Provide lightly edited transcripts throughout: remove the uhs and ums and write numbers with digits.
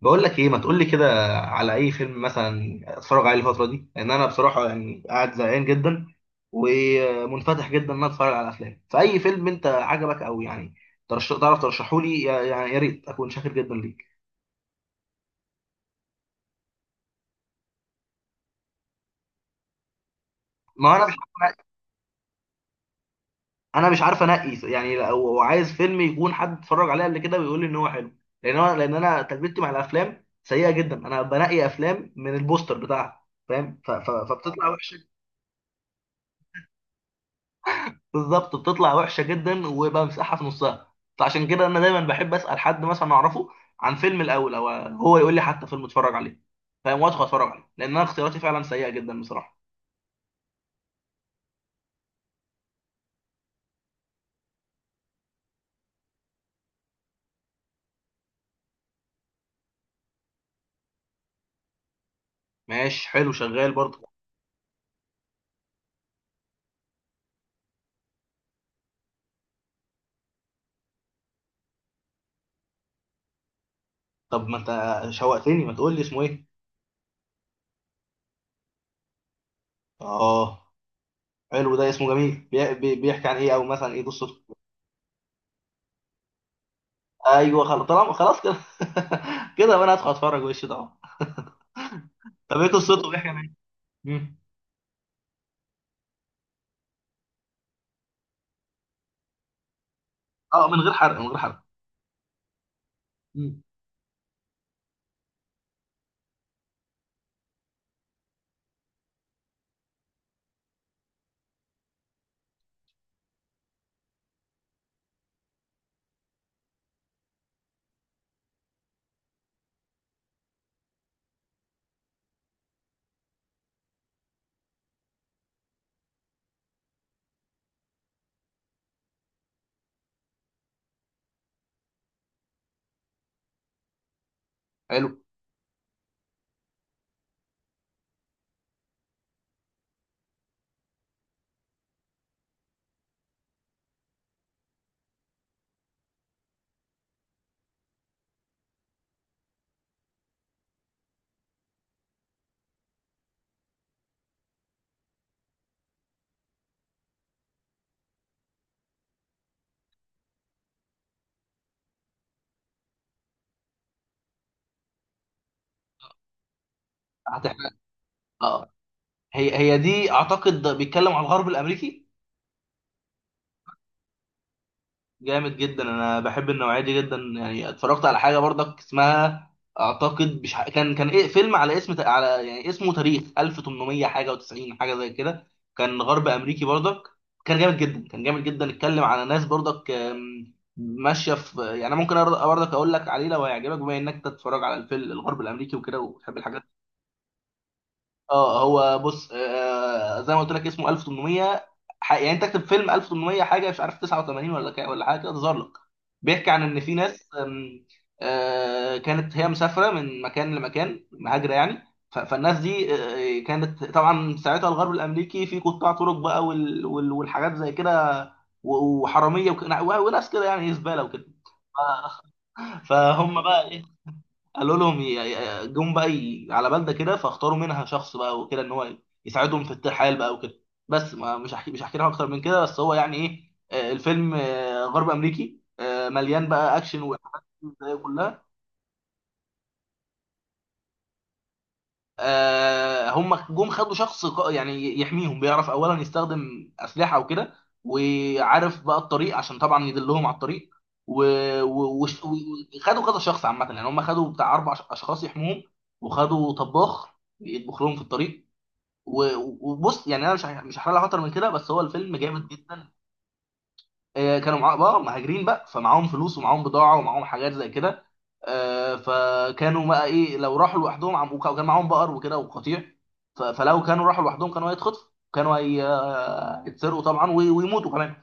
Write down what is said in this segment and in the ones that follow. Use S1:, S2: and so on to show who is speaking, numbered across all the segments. S1: بقول لك ايه، ما تقول لي كده. على اي فيلم مثلا اتفرج عليه الفتره دي، لان انا بصراحه يعني قاعد زهقان جدا ومنفتح جدا ان انا اتفرج على افلام، فاي فيلم انت عجبك او يعني تعرف ترشحه لي يعني، يا ريت اكون شاكر جدا ليك. ما انا مش انا مش عارف انقي يعني، لو عايز فيلم يكون حد اتفرج عليه قبل كده ويقول لي ان هو حلو، لان انا تجربتي مع الافلام سيئه جدا. انا بنقي افلام من البوستر بتاعها فاهم، فبتطلع وحشه. بالظبط، بتطلع وحشه جدا وبمسحها في نصها. فعشان كده انا دايما بحب اسال حد مثلا اعرفه عن فيلم الاول، او هو يقول لي حتى فيلم اتفرج عليه فاهم، وادخل اتفرج عليه، لان انا اختياراتي فعلا سيئه جدا بصراحه. ماشي حلو، شغال برضه. طب ما انت شوقتني، ما تقول لي اسمه ايه؟ اه حلو، ده اسمه جميل. بيحكي عن ايه، او مثلا ايه قصته؟ ايوه خلاص، طالما خلاص كده كده بقى انا هدخل اتفرج وش ده. طب ايه قصته، بيحكي عن ايه؟ مم. اه، من غير حرق، من غير حرق. مم. حلو. هتحرق، اه. هي دي اعتقد بيتكلم على الغرب الامريكي. جامد جدا، انا بحب النوعيه دي جدا، يعني اتفرجت على حاجه برضك اسمها، اعتقد، مش كان ايه، فيلم على اسم على يعني اسمه تاريخ 1800 حاجه و90 حاجه زي كده، كان غرب امريكي برضك. كان جامد جدا، اتكلم على ناس برضك، ماشيه في يعني. أنا ممكن برضك اقول لك عليه لو هيعجبك، بما انك تتفرج على الفيلم الغرب الامريكي وكده وبتحب الحاجات. اه هو بص. آه زي ما قلت لك اسمه 1800، يعني انت تكتب فيلم 1800 حاجه، مش عارف 89 ولا كا ولا حاجه كده، تظهر لك. بيحكي عن ان في ناس، كانت هي مسافره من مكان لمكان، مهاجره يعني. فالناس دي، كانت طبعا ساعتها الغرب الامريكي في قطاع طرق بقى، والحاجات زي كده وحراميه وناس كده يعني، إيه، زباله وكده. فهم بقى إيه، قالوا لهم جم بقى على بلده كده، فاختاروا منها شخص بقى وكده ان هو يساعدهم في الترحال بقى وكده. بس ما مش هحكي لهم اكتر من كده، بس هو يعني ايه، الفيلم غرب امريكي، مليان بقى اكشن واحداث كلها. هم جم خدوا شخص يعني يحميهم، بيعرف اولا يستخدم اسلحه وكده، وعارف بقى الطريق عشان طبعا يدلهم على الطريق، و- و- وش- و- وخدوا كذا شخص عامه، يعني هم خدوا بتاع اربع اشخاص يحموهم، وخدوا طباخ يطبخ لهم في الطريق، و- وبص يعني انا مش هحرق لك اكتر من كده، بس هو الفيلم جامد جدا. كانوا معاهم بقى مهاجرين بقى، فمعاهم فلوس ومعاهم بضاعه ومعاهم حاجات زي كده. فكانوا بقى ايه، لو راحوا لوحدهم، عم وكان معاهم بقر وكده وقطيع، فلو كانوا راحوا لوحدهم كانوا هيتخطفوا، كانوا هيتسرقوا طبعا ويموتوا كمان.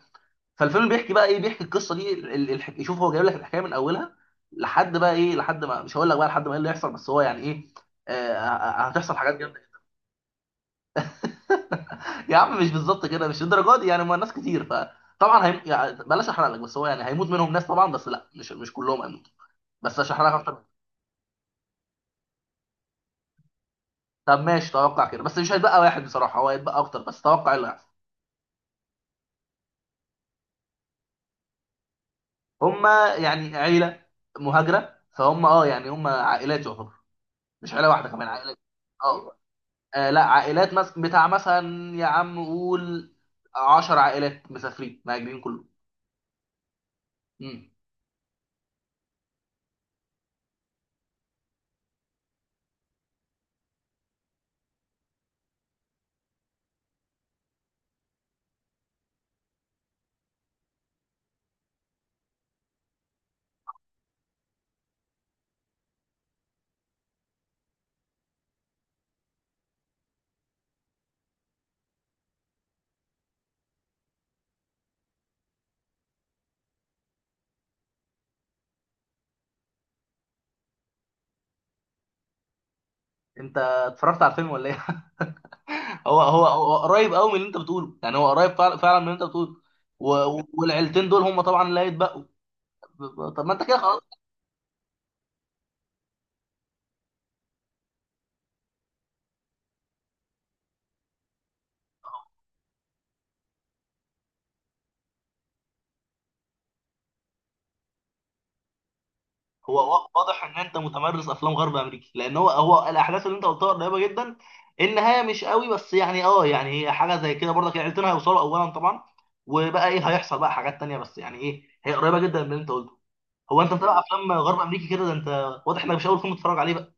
S1: فالفيلم بيحكي بقى ايه، بيحكي القصه دي، يشوف هو جايب لك الحكايه من اولها لحد بقى ايه، لحد ما، مش هقول لك بقى لحد ما ايه اللي يحصل، بس هو يعني ايه، هتحصل حاجات جامده. يا عم مش بالظبط كده، مش الدرجه دي يعني، ما الناس كتير فطبعا يعني بلاش احرق لك، بس هو يعني هيموت منهم ناس طبعا، بس لا مش كلهم هيموتوا، بس عشان احرق لك اكتر. طب ماشي، توقع كده، بس مش هيتبقى واحد بصراحه، هو هيتبقى اكتر، بس توقع اللي هيحصل. هما يعني عيله مهاجره، فهم اه يعني هم عائلات يعتبر، مش عيله واحده، كمان عائلات. اه. لا عائلات، بتاع مثلا، يا عم قول 10 عائلات مسافرين مهاجرين كلهم. مم. انت اتفرجت على الفيلم ولا ايه؟ هو قريب قوي من اللي انت بتقوله، يعني هو قريب فعلا فعلا من اللي انت بتقوله و- والعيلتين دول هم طبعا اللي هيتبقوا. طب ما انت كده خلاص. هو واضح ان انت متمرس افلام غرب امريكي، لان هو الاحداث اللي انت قلتها قريبه جدا، النهايه مش قوي، بس يعني اه يعني هي حاجه زي كده برضك، العيلتين هيوصلوا اولا طبعا، وبقى ايه هيحصل بقى حاجات تانيه، بس يعني ايه، هي قريبه جدا من اللي انت قلته. هو انت متابع افلام غرب امريكي كده، ده انت واضح انك مش اول فيلم تتفرج عليه بقى.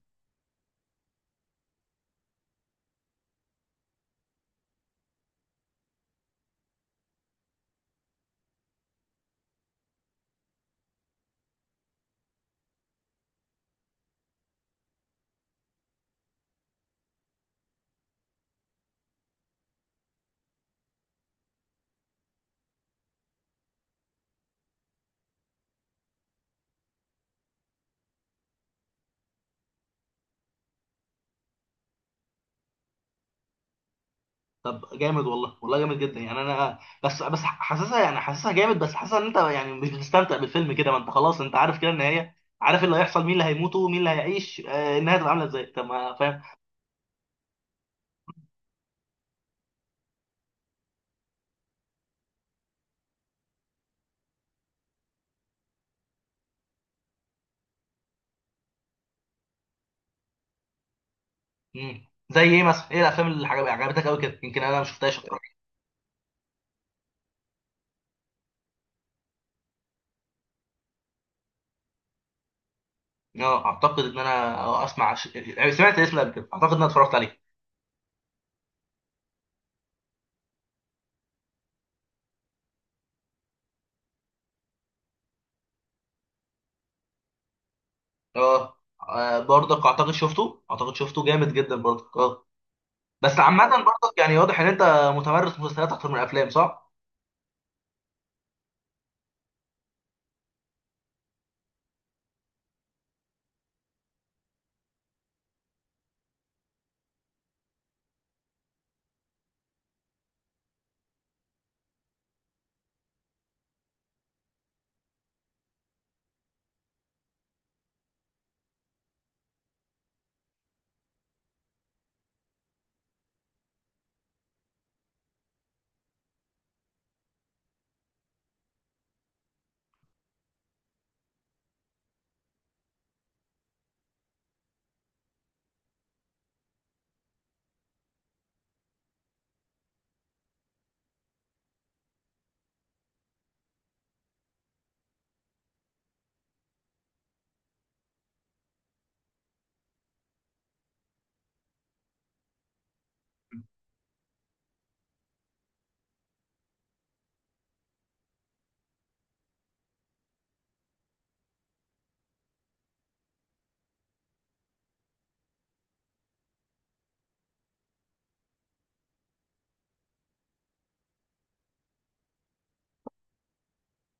S1: طب جامد والله، والله جامد جدا يعني، انا بس حاسسها يعني، حاسسها جامد، بس حاسسها ان انت يعني مش بتستمتع بالفيلم كده، ما انت خلاص انت عارف كده النهايه، عارف اللي هيحصل، مين اللي هيموت ومين اللي هيعيش، النهايه هتبقى عامله ازاي، طب ما فاهم. مم. زي ايه مثلا، ايه الافلام اللي عجبتك قوي كده، يمكن انا ما شفتهاش اتفرج. اه اعتقد ان انا اسمع يعني سمعت الاسم قبل كده، اعتقد ان انا اتفرجت عليه. اه برضك اعتقد شفته، اعتقد شفته جامد جدا برضك اه. بس عامه برضك يعني واضح ان انت متمرس مسلسلات اكتر من الافلام، صح.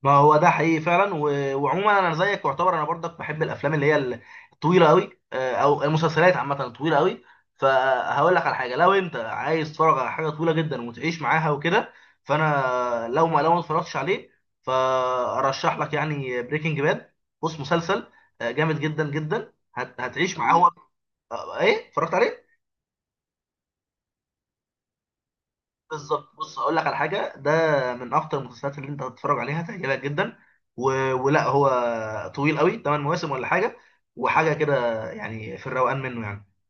S1: ما هو ده حقيقي فعلا، وعموما انا زيك، واعتبر انا برضك بحب الافلام اللي هي الطويله قوي، او المسلسلات عامه الطويله قوي. فهقول لك على حاجه، لو انت عايز تتفرج على حاجه طويله جدا وتعيش معاها وكده، فانا لو ما اتفرجتش عليه، فارشح لك يعني بريكنج باد. بص مسلسل جامد جدا جدا، هتعيش معاه هو. ايه، اتفرجت عليه؟ بالظبط، بص اقول لك على حاجه، ده من اكتر المسلسلات اللي انت هتتفرج عليها، تعجبك جدا، و... ولا هو طويل قوي، 8 مواسم ولا حاجه، وحاجه كده يعني في الروقان منه يعني.